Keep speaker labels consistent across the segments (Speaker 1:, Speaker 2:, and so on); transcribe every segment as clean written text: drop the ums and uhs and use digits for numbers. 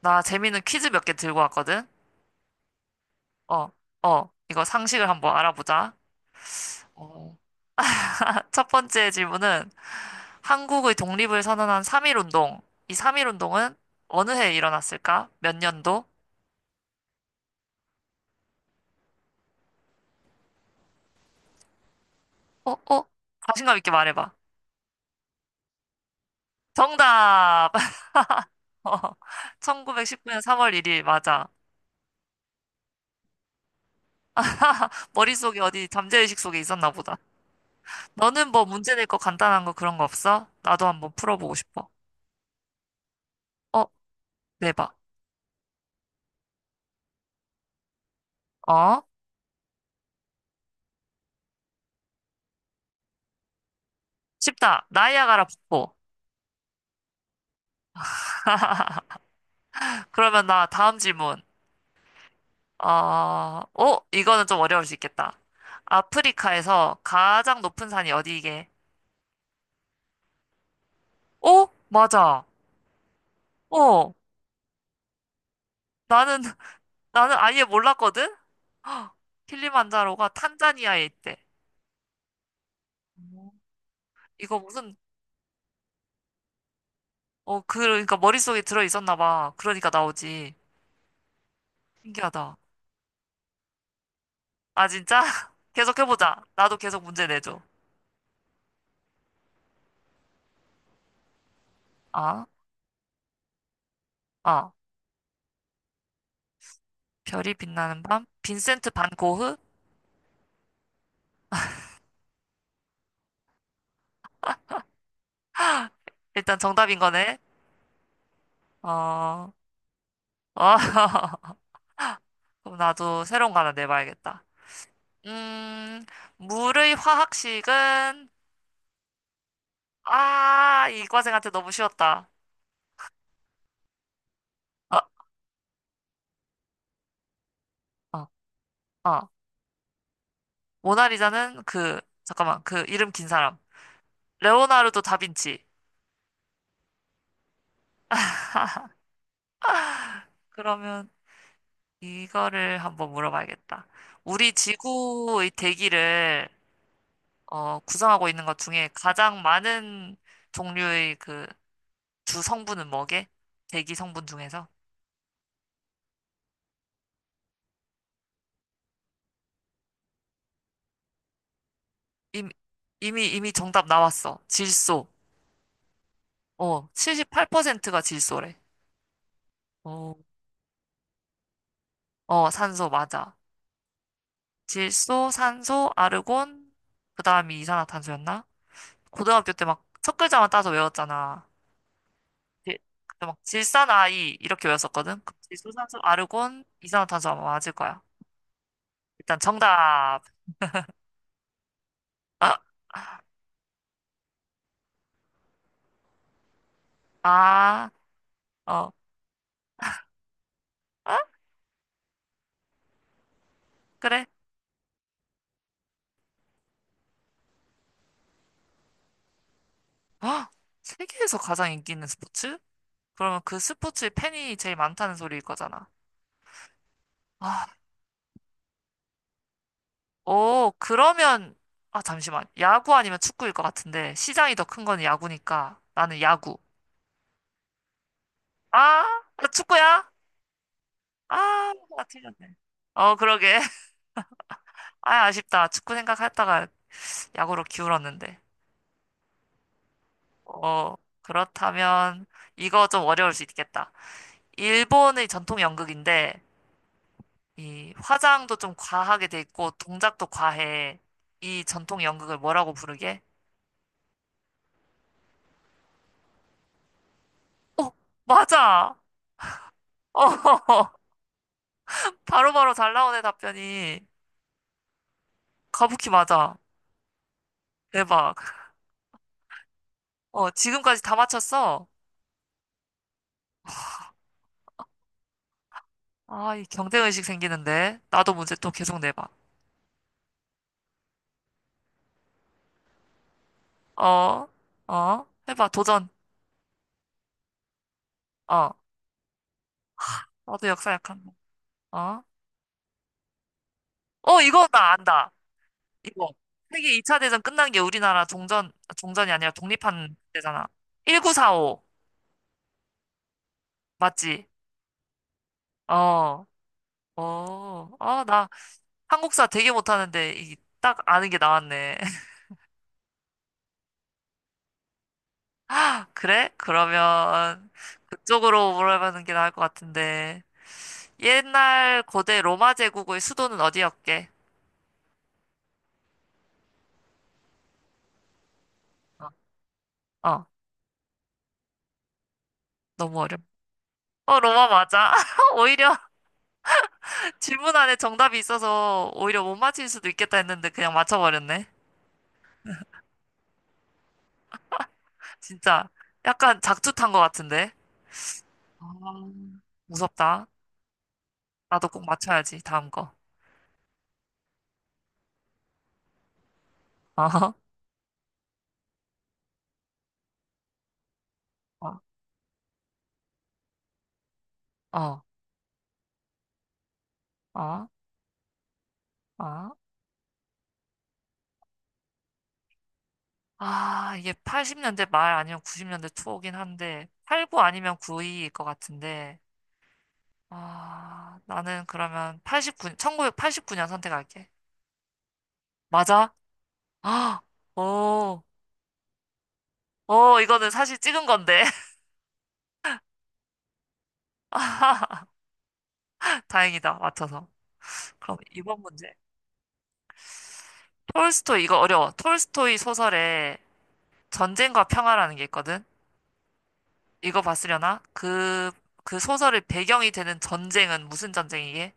Speaker 1: 나 재밌는 퀴즈 몇 개 들고 왔거든? 어, 이거 상식을 한번 알아보자. 어. 첫 번째 질문은 한국의 독립을 선언한 3.1운동. 이 3.1운동은 어느 해에 일어났을까? 몇 년도? 어, 어? 자신감 있게 말해봐. 정답! 1919년 3월 1일, 맞아. 머릿속에 어디 잠재의식 속에 있었나 보다. 너는 뭐 문제 낼 거 간단한 거 그런 거 없어? 나도 한번 풀어보고 싶어. 어, 내봐. 어? 쉽다. 나이아가라 폭포. 그러면 나 다음 질문. 어, 이거는 좀 어려울 수 있겠다. 아프리카에서 가장 높은 산이 어디이게? 어? 맞아. 어. 나는, 나는 아예 몰랐거든? 헉, 킬리만자로가 탄자니아에 있대. 음. 이거 무슨, 그러니까 머릿속에 들어 있었나 봐. 그러니까 나오지. 신기하다. 아, 진짜? 계속해보자. 나도 계속 문제 내줘. 아, 아. 별이 빛나는 밤? 빈센트 반 고흐? 일단 정답인 거네. 어. 아, 그럼 나도 새로운 거 하나 내봐야겠다. 음, 물의 화학식은, 아, 이과생한테 너무 쉬웠다. 아, 어 어 모나리자는 그, 잠깐만, 그 이름 긴 사람. 레오나르도 다빈치. 그러면 이거를 한번 물어봐야겠다. 우리 지구의 대기를, 구성하고 있는 것 중에 가장 많은 종류의 그 주 성분은 뭐게? 대기 성분 중에서? 이미, 이미 정답 나왔어. 질소. 78%가 질소래. 어, 어, 산소, 맞아. 질소, 산소, 아르곤, 그 다음이 이산화탄소였나? 고등학교 때 막 첫 글자만 따서 외웠잖아. 예, 그때 막 질산아이, 이렇게 외웠었거든? 그 질소, 산소, 아르곤, 이산화탄소 아마 맞을 거야. 일단 정답. 아, 아, 어, 아, 그래. 아, 세계에서 가장 인기 있는 스포츠? 그러면 그 스포츠의 팬이 제일 많다는 소리일 거잖아. 아. 오, 그러면, 아, 잠시만. 야구 아니면 축구일 것 같은데, 시장이 더 큰 건 야구니까, 나는 야구. 아, 나 축구야? 아, 나 틀렸네. 어, 그러게. 아, 아쉽다. 축구 생각했다가 야구로 기울었는데. 어, 그렇다면, 이거 좀 어려울 수 있겠다. 일본의 전통 연극인데, 이 화장도 좀 과하게 돼 있고, 동작도 과해. 이 전통 연극을 뭐라고 부르게? 어, 맞아! 어, 바로바로 잘 나오네, 답변이. 가부키 맞아. 대박. 지금까지 다 맞췄어? 아, 이 경쟁의식 생기는데. 나도 문제 또 계속 내봐. 어, 어, 해봐, 도전. 어, 나도 역사 약한 거. 어, 어, 이거 나 안다. 이거. 세계 2차 대전 끝난 게 우리나라 종전, 종전이 아니라 독립한 때잖아. 1945. 맞지? 어, 아, 나 한국사 되게 못하는데, 이, 딱 아는 게 나왔네. 그래? 그러면 그쪽으로 물어보는 게 나을 것 같은데. 옛날 고대 로마 제국의 수도는 어디였게? 어, 어, 너무 어렵. 어, 로마 맞아. 오히려 질문 안에 정답이 있어서 오히려 못 맞힐 수도 있겠다 했는데 그냥 맞춰버렸네. 진짜 약간 작두탄 것 같은데. 아, 무섭다. 나도 꼭 맞춰야지, 다음 거. 어허. 어, 어, 어, 어. 아, 이게 80년대 말 아니면 90년대 초긴 한데, 89 아니면 92일 것 같은데, 아, 나는 그러면 89, 1989년 선택할게. 맞아? 아, 오, 오, 이거는 사실 찍은 건데. 다행이다, 맞춰서. 그럼 이번 문제. 톨스토이, 이거 어려워. 톨스토이 소설에 전쟁과 평화라는 게 있거든? 이거 봤으려나? 그 소설의 배경이 되는 전쟁은 무슨 전쟁이게?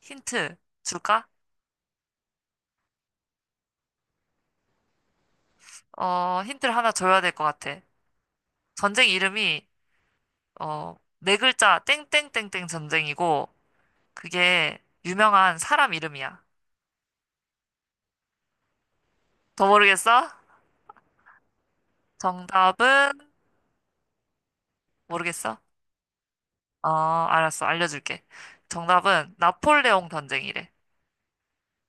Speaker 1: 힌트 줄까? 힌트를 하나 줘야 될 것 같아. 전쟁 이름이, 네 글자, 땡땡땡땡 전쟁이고, 그게 유명한 사람 이름이야. 더 모르겠어? 정답은, 모르겠어? 어, 알았어. 알려줄게. 정답은 나폴레옹 전쟁이래.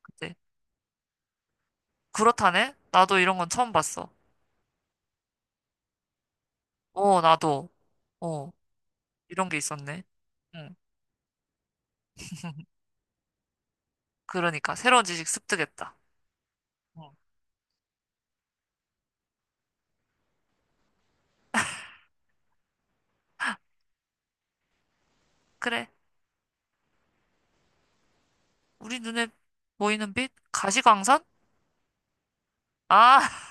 Speaker 1: 그때. 그렇다네? 나도 이런 건 처음 봤어. 어, 나도. 어, 이런 게 있었네. 응. 그러니까, 새로운 지식 습득했다. 응. 그래. 우리 눈에 보이는 빛? 가시광선? 아!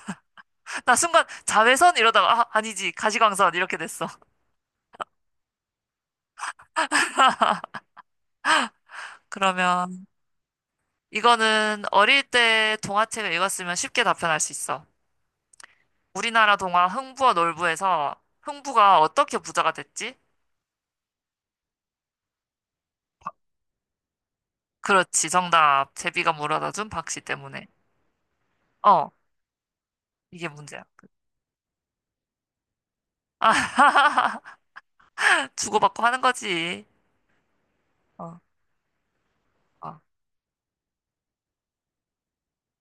Speaker 1: 나 순간 자외선 이러다가 아, 아니지 가시광선 이렇게 됐어. 그러면 이거는 어릴 때 동화책을 읽었으면 쉽게 답변할 수 있어. 우리나라 동화 흥부와 놀부에서 흥부가 어떻게 부자가 됐지? 그렇지, 정답. 제비가 물어다 준 박씨 때문에. 어. 이게 문제야. 아, 주고받고 하는 거지. 어, 어,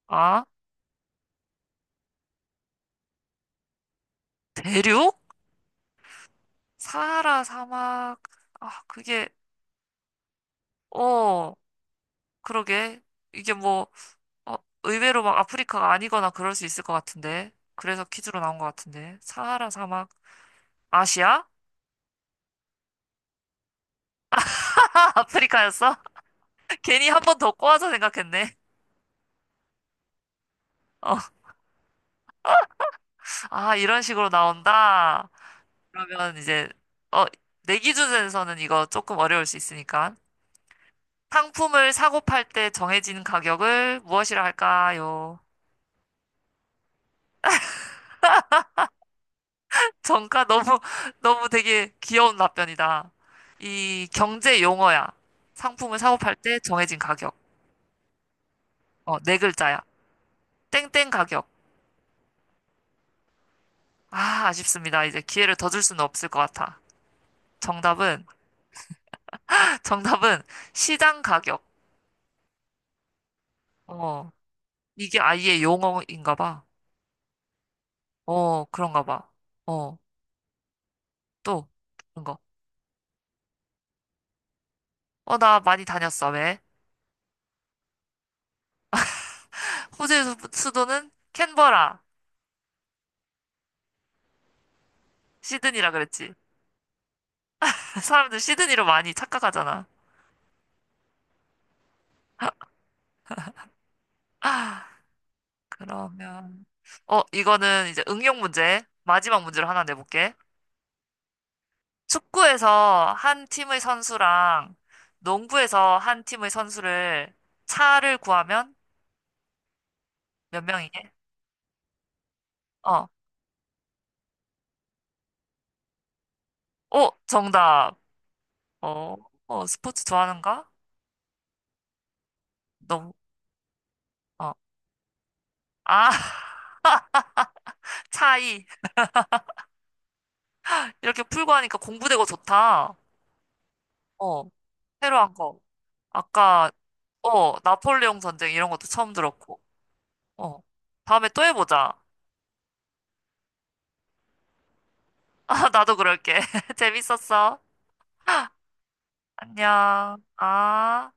Speaker 1: 어? 대륙? 사하라 사막. 아, 그게, 어 그러게, 이게 뭐. 어, 의외로 막 아프리카가 아니거나 그럴 수 있을 것 같은데. 그래서 퀴즈로 나온 것 같은데. 사하라 사막, 아시아? 아프리카였어? 괜히 한 번 더 꼬아서 생각했네. 어, 아, 이런 식으로 나온다. 그러면 이제, 어, 내 기준에서는 이거 조금 어려울 수 있으니까. 상품을 사고 팔 때 정해진 가격을 무엇이라 할까요? 정가 너무, 너무 되게 귀여운 답변이다. 이 경제 용어야. 상품을 사고 팔 때 정해진 가격. 네 글자야. 땡땡 가격. 아, 아쉽습니다. 이제 기회를 더 줄 수는 없을 것 같아. 정답은, 정답은 시장 가격. 어, 이게 아예 용어인가 봐. 어, 그런가 봐. 어, 또, 그런 거. 어, 나 많이 다녔어. 왜? 호주의 수도는 캔버라. 시드니라 그랬지. 사람들 시드니로 많이 착각하잖아. 아, 그러면, 이거는 이제 응용 문제. 마지막 문제를 하나 내볼게. 축구에서 한 팀의 선수랑 농구에서 한 팀의 선수를 차를 구하면 몇 명이게? 어. 오, 정답. 어, 어, 스포츠 좋아하는가? 너무, 어. 아, 차이. 이렇게 풀고 하니까 공부되고 좋다. 어. 새로 한 거. 아까, 나폴레옹 전쟁 이런 것도 처음 들었고. 어. 다음에 또 해보자. 아, 나도 그럴게. 재밌었어. 안녕. 아.